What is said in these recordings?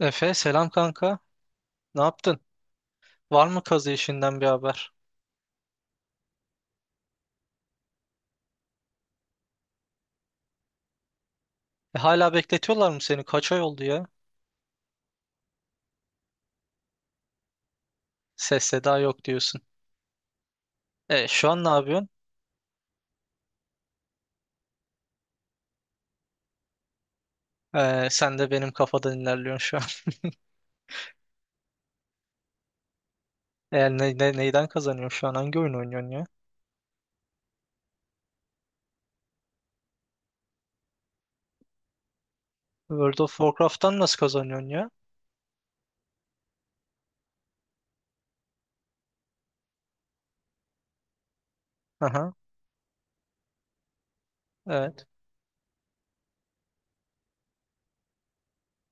Efe selam kanka. Ne yaptın? Var mı kazı işinden bir haber? E, hala bekletiyorlar mı seni? Kaç ay oldu ya? Ses seda yok diyorsun. E, şu an ne yapıyorsun? E, sen de benim kafadan ilerliyorsun şu an. E, neyden kazanıyorsun şu an? Hangi oyun oynuyorsun ya? World of Warcraft'tan nasıl kazanıyorsun ya? Aha, evet.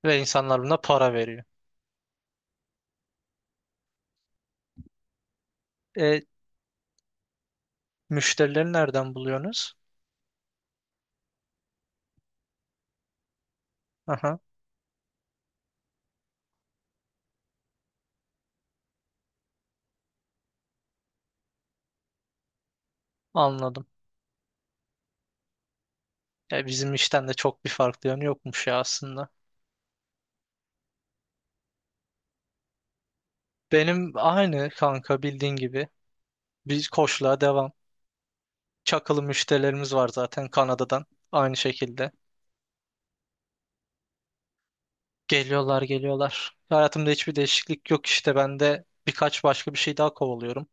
Ve insanlar buna para veriyor. E, müşterileri nereden buluyorsunuz? Aha, anladım. E, bizim işten de çok bir farklı yanı yokmuş ya aslında. Benim aynı kanka bildiğin gibi. Biz koçluğa devam. Çakılı müşterilerimiz var zaten Kanada'dan. Aynı şekilde. Geliyorlar geliyorlar. Hayatımda hiçbir değişiklik yok işte ben de birkaç başka bir şey daha kovalıyorum.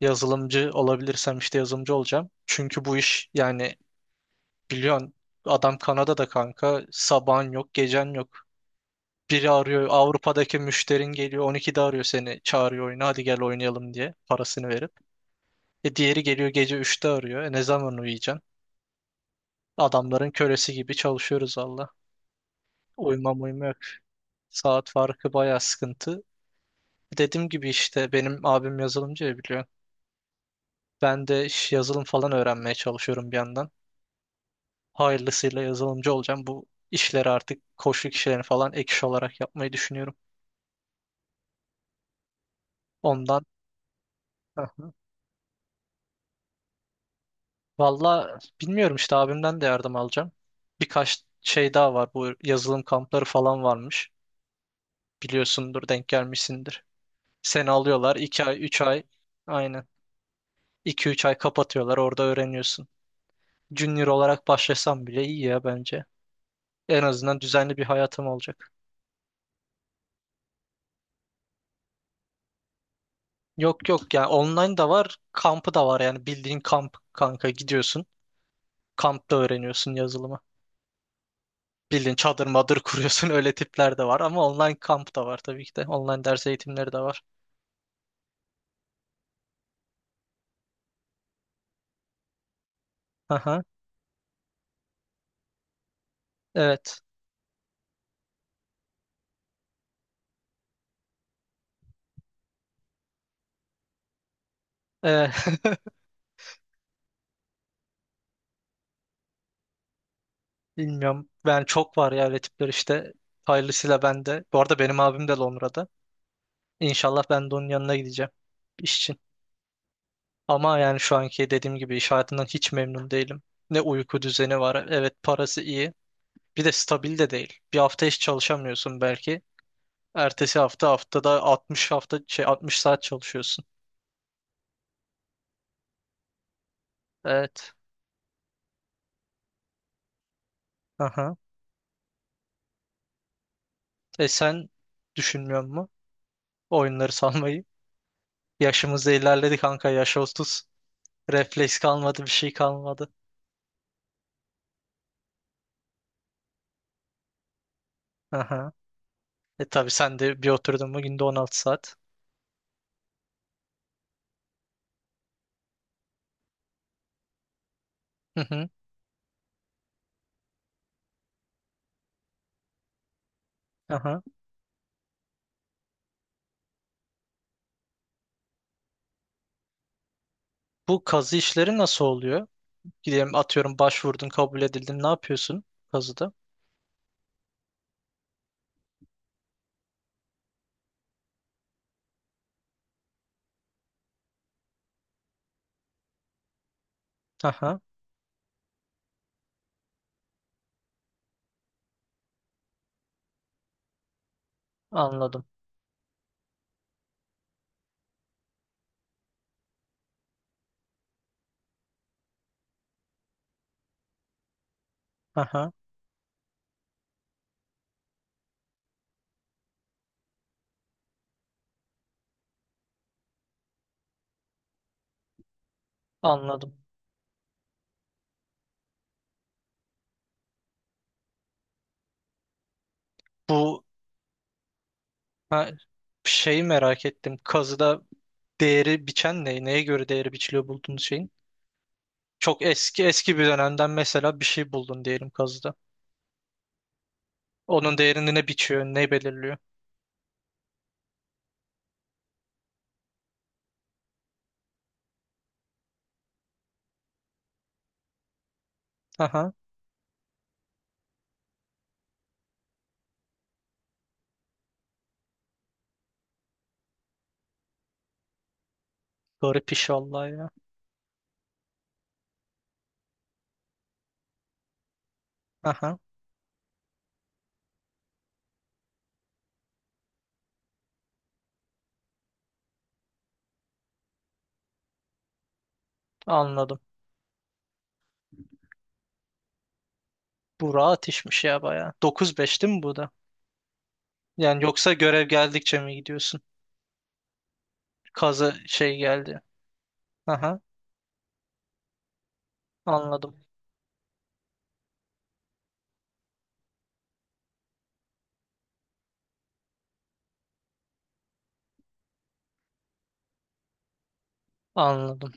Yazılımcı olabilirsem işte yazılımcı olacağım. Çünkü bu iş yani biliyorsun adam Kanada'da kanka sabahın yok gecen yok. Biri arıyor, Avrupa'daki müşterin geliyor 12'de arıyor, seni çağırıyor oyuna, hadi gel oynayalım diye parasını verip. E diğeri geliyor gece üçte arıyor, e ne zaman uyuyacaksın? Adamların kölesi gibi çalışıyoruz valla. Uyumam uyuma yok. Saat farkı bayağı sıkıntı. Dediğim gibi işte benim abim yazılımcı ya, biliyor. Ben de iş yazılım falan öğrenmeye çalışıyorum bir yandan. Hayırlısıyla yazılımcı olacağım. Bu işleri, artık koçluk işlerini falan, ek iş olarak yapmayı düşünüyorum. Ondan. Aha. Valla bilmiyorum işte, abimden de yardım alacağım. Birkaç şey daha var. Bu yazılım kampları falan varmış. Biliyorsundur, denk gelmişsindir. Seni alıyorlar 2 ay 3 ay, aynen iki üç ay kapatıyorlar, orada öğreniyorsun. Junior olarak başlasam bile iyi ya bence. En azından düzenli bir hayatım olacak. Yok yok, yani online da var, kampı da var, yani bildiğin kamp kanka, gidiyorsun. Kampta öğreniyorsun yazılımı. Bildiğin çadır madır kuruyorsun öyle tipler de var, ama online kamp da var tabii ki de. Online ders eğitimleri de var. Aha, evet. Ee, bilmiyorum. Ben, çok var ya öyle tipler işte. Hayırlısıyla ben de. Bu arada benim abim de Londra'da. İnşallah ben de onun yanına gideceğim iş için. Ama yani şu anki dediğim gibi, iş hayatından hiç memnun değilim. Ne uyku düzeni var. Evet, parası iyi. Bir de stabil de değil. Bir hafta hiç çalışamıyorsun belki. Ertesi hafta, haftada 60 hafta şey 60 saat çalışıyorsun. Evet. Aha. E sen düşünmüyor musun oyunları salmayı? Yaşımızda ilerledi kanka. Yaş 30. Refleks kalmadı, bir şey kalmadı. Aha. E tabii, sen de bir oturdun mu günde 16 saat. Hı hı. Aha. Bu kazı işleri nasıl oluyor? Gidelim, atıyorum başvurdun, kabul edildin, ne yapıyorsun kazıda? Aha, anladım. Aha, anladım. Bu, ha, şeyi merak ettim. Kazıda değeri biçen ne? Neye göre değeri biçiliyor bulduğunuz şeyin? Çok eski eski bir dönemden mesela bir şey buldun diyelim kazıda. Onun değerini ne biçiyor? Ne belirliyor? Aha, garip iş vallahi ya. Aha, anladım. Bu rahat işmiş ya bayağı. 9-5 değil mi bu da? Yani yoksa görev geldikçe mi gidiyorsun? Kazı şey geldi. Aha, anladım. Anladım.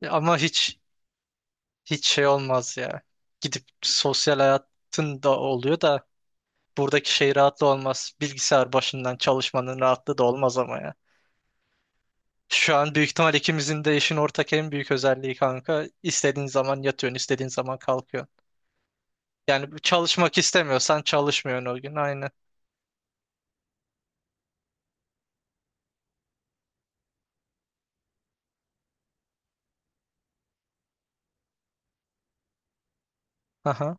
Ya ama hiç şey olmaz ya. Gidip sosyal hayatın da oluyor da, buradaki şey rahatlı olmaz. Bilgisayar başından çalışmanın rahatlığı da olmaz ama ya. Şu an büyük ihtimal ikimizin de işin ortak en büyük özelliği kanka. İstediğin zaman yatıyorsun, istediğin zaman kalkıyorsun. Yani çalışmak istemiyorsan çalışmıyorsun o gün, aynı. Aha.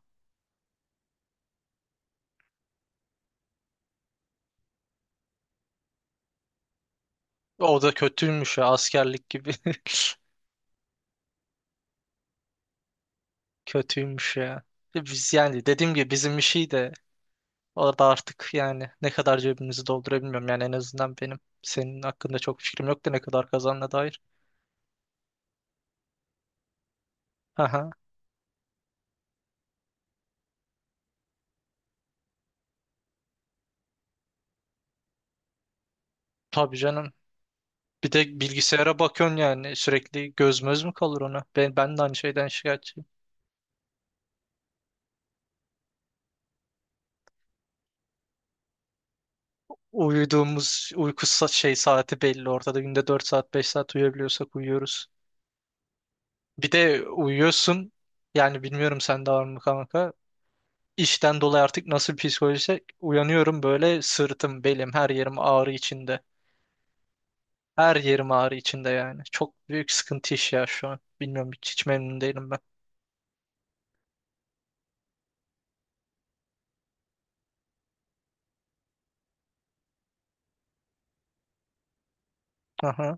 O da kötüymüş ya, askerlik gibi. Kötüymüş ya. Biz yani dediğim gibi bizim işi de, orada artık yani ne kadar cebimizi doldurabilmiyorum. Yani en azından benim senin hakkında çok fikrim yok da, ne kadar kazandığına dair. Aha. Tabii canım. Bir de bilgisayara bakıyorsun yani sürekli, göz möz mü kalır ona? Ben de aynı şeyden şikayetçiyim. Uyuduğumuz uyku şey saati belli ortada. Günde 4 saat 5 saat uyuyabiliyorsak uyuyoruz. Bir de uyuyorsun, yani bilmiyorum sen de var mı kanka. İşten dolayı artık nasıl bir psikolojiyse, uyanıyorum böyle sırtım, belim, her yerim ağrı içinde. Her yerim ağrı içinde yani. Çok büyük sıkıntı iş ya şu an. Bilmiyorum, hiç memnun değilim ben. Aha.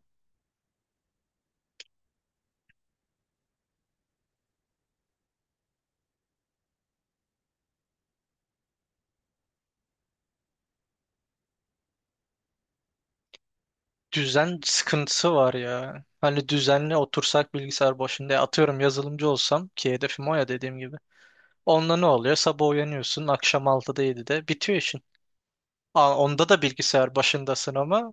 Düzen sıkıntısı var ya. Hani düzenli otursak bilgisayar başında, atıyorum yazılımcı olsam, ki hedefim o ya dediğim gibi. Onda ne oluyor? Sabah uyanıyorsun, akşam 6'da 7'de bitiyor işin. Aa, onda da bilgisayar başındasın ama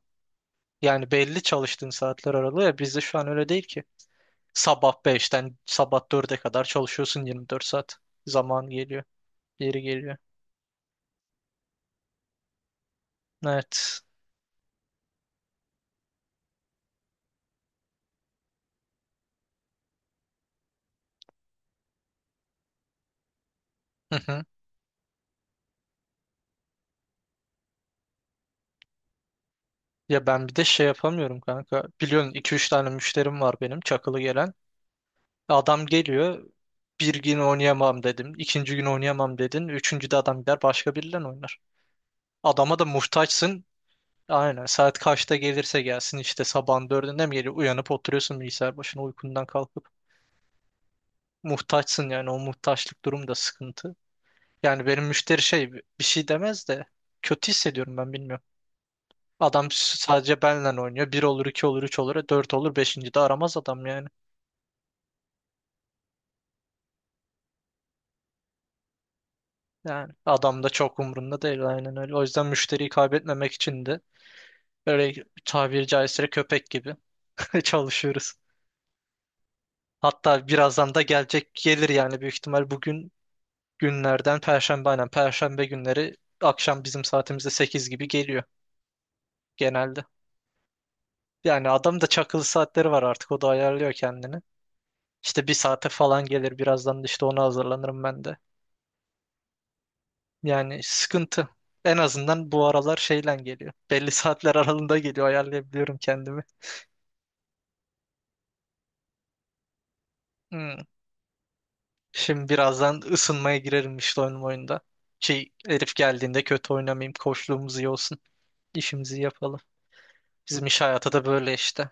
yani belli çalıştığın saatler aralığı, ya bizde şu an öyle değil ki. Sabah beşten sabah 4'e kadar çalışıyorsun, 24 saat. Zaman geliyor. Geri geliyor. Evet. Ya ben bir de şey yapamıyorum kanka. Biliyorsun iki üç tane müşterim var benim, çakılı gelen. Adam geliyor. Bir gün oynayamam dedim, ikinci gün oynayamam dedin, üçüncü de adam gider başka biriyle oynar. Adama da muhtaçsın. Aynen, saat kaçta gelirse gelsin, işte sabahın dördünde mi geliyor? Uyanıp oturuyorsun bilgisayar başına, uykundan kalkıp. Muhtaçsın yani, o muhtaçlık durum da sıkıntı. Yani benim müşteri şey bir şey demez de, kötü hissediyorum ben bilmiyorum. Adam sadece benle oynuyor. Bir olur, iki olur, üç olur, dört olur, beşinci de aramaz adam yani. Yani adam da çok umrunda değil, aynen öyle. O yüzden müşteriyi kaybetmemek için de böyle tabiri caizse köpek gibi çalışıyoruz. Hatta birazdan da gelecek, gelir yani büyük ihtimal bugün, günlerden Perşembe, aynen Perşembe günleri akşam bizim saatimizde 8 gibi geliyor genelde. Yani adam da çakılı saatleri var artık, o da ayarlıyor kendini. İşte bir saate falan gelir birazdan, da işte ona hazırlanırım ben de. Yani sıkıntı. En azından bu aralar şeyle geliyor. Belli saatler aralığında geliyor, ayarlayabiliyorum kendimi. Hmm. Şimdi birazdan ısınmaya girerim işte oyun oyunda. Şey, herif geldiğinde kötü oynamayayım. Koçluğumuz iyi olsun. İşimizi yapalım. Bizim iş hayatı da böyle işte.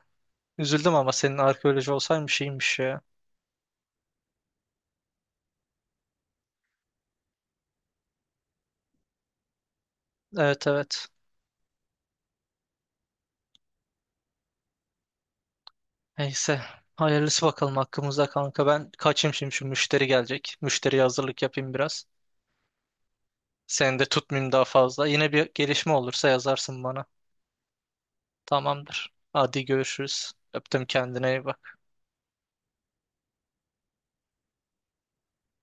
Üzüldüm ama senin arkeoloji olsaymış iyiymiş ya. Evet, evet. Neyse. Hayırlısı bakalım hakkımızda kanka. Ben kaçayım şimdi, şu müşteri gelecek. Müşteriye hazırlık yapayım biraz. Seni de tutmayayım daha fazla. Yine bir gelişme olursa yazarsın bana. Tamamdır. Hadi görüşürüz. Öptüm, kendine iyi bak.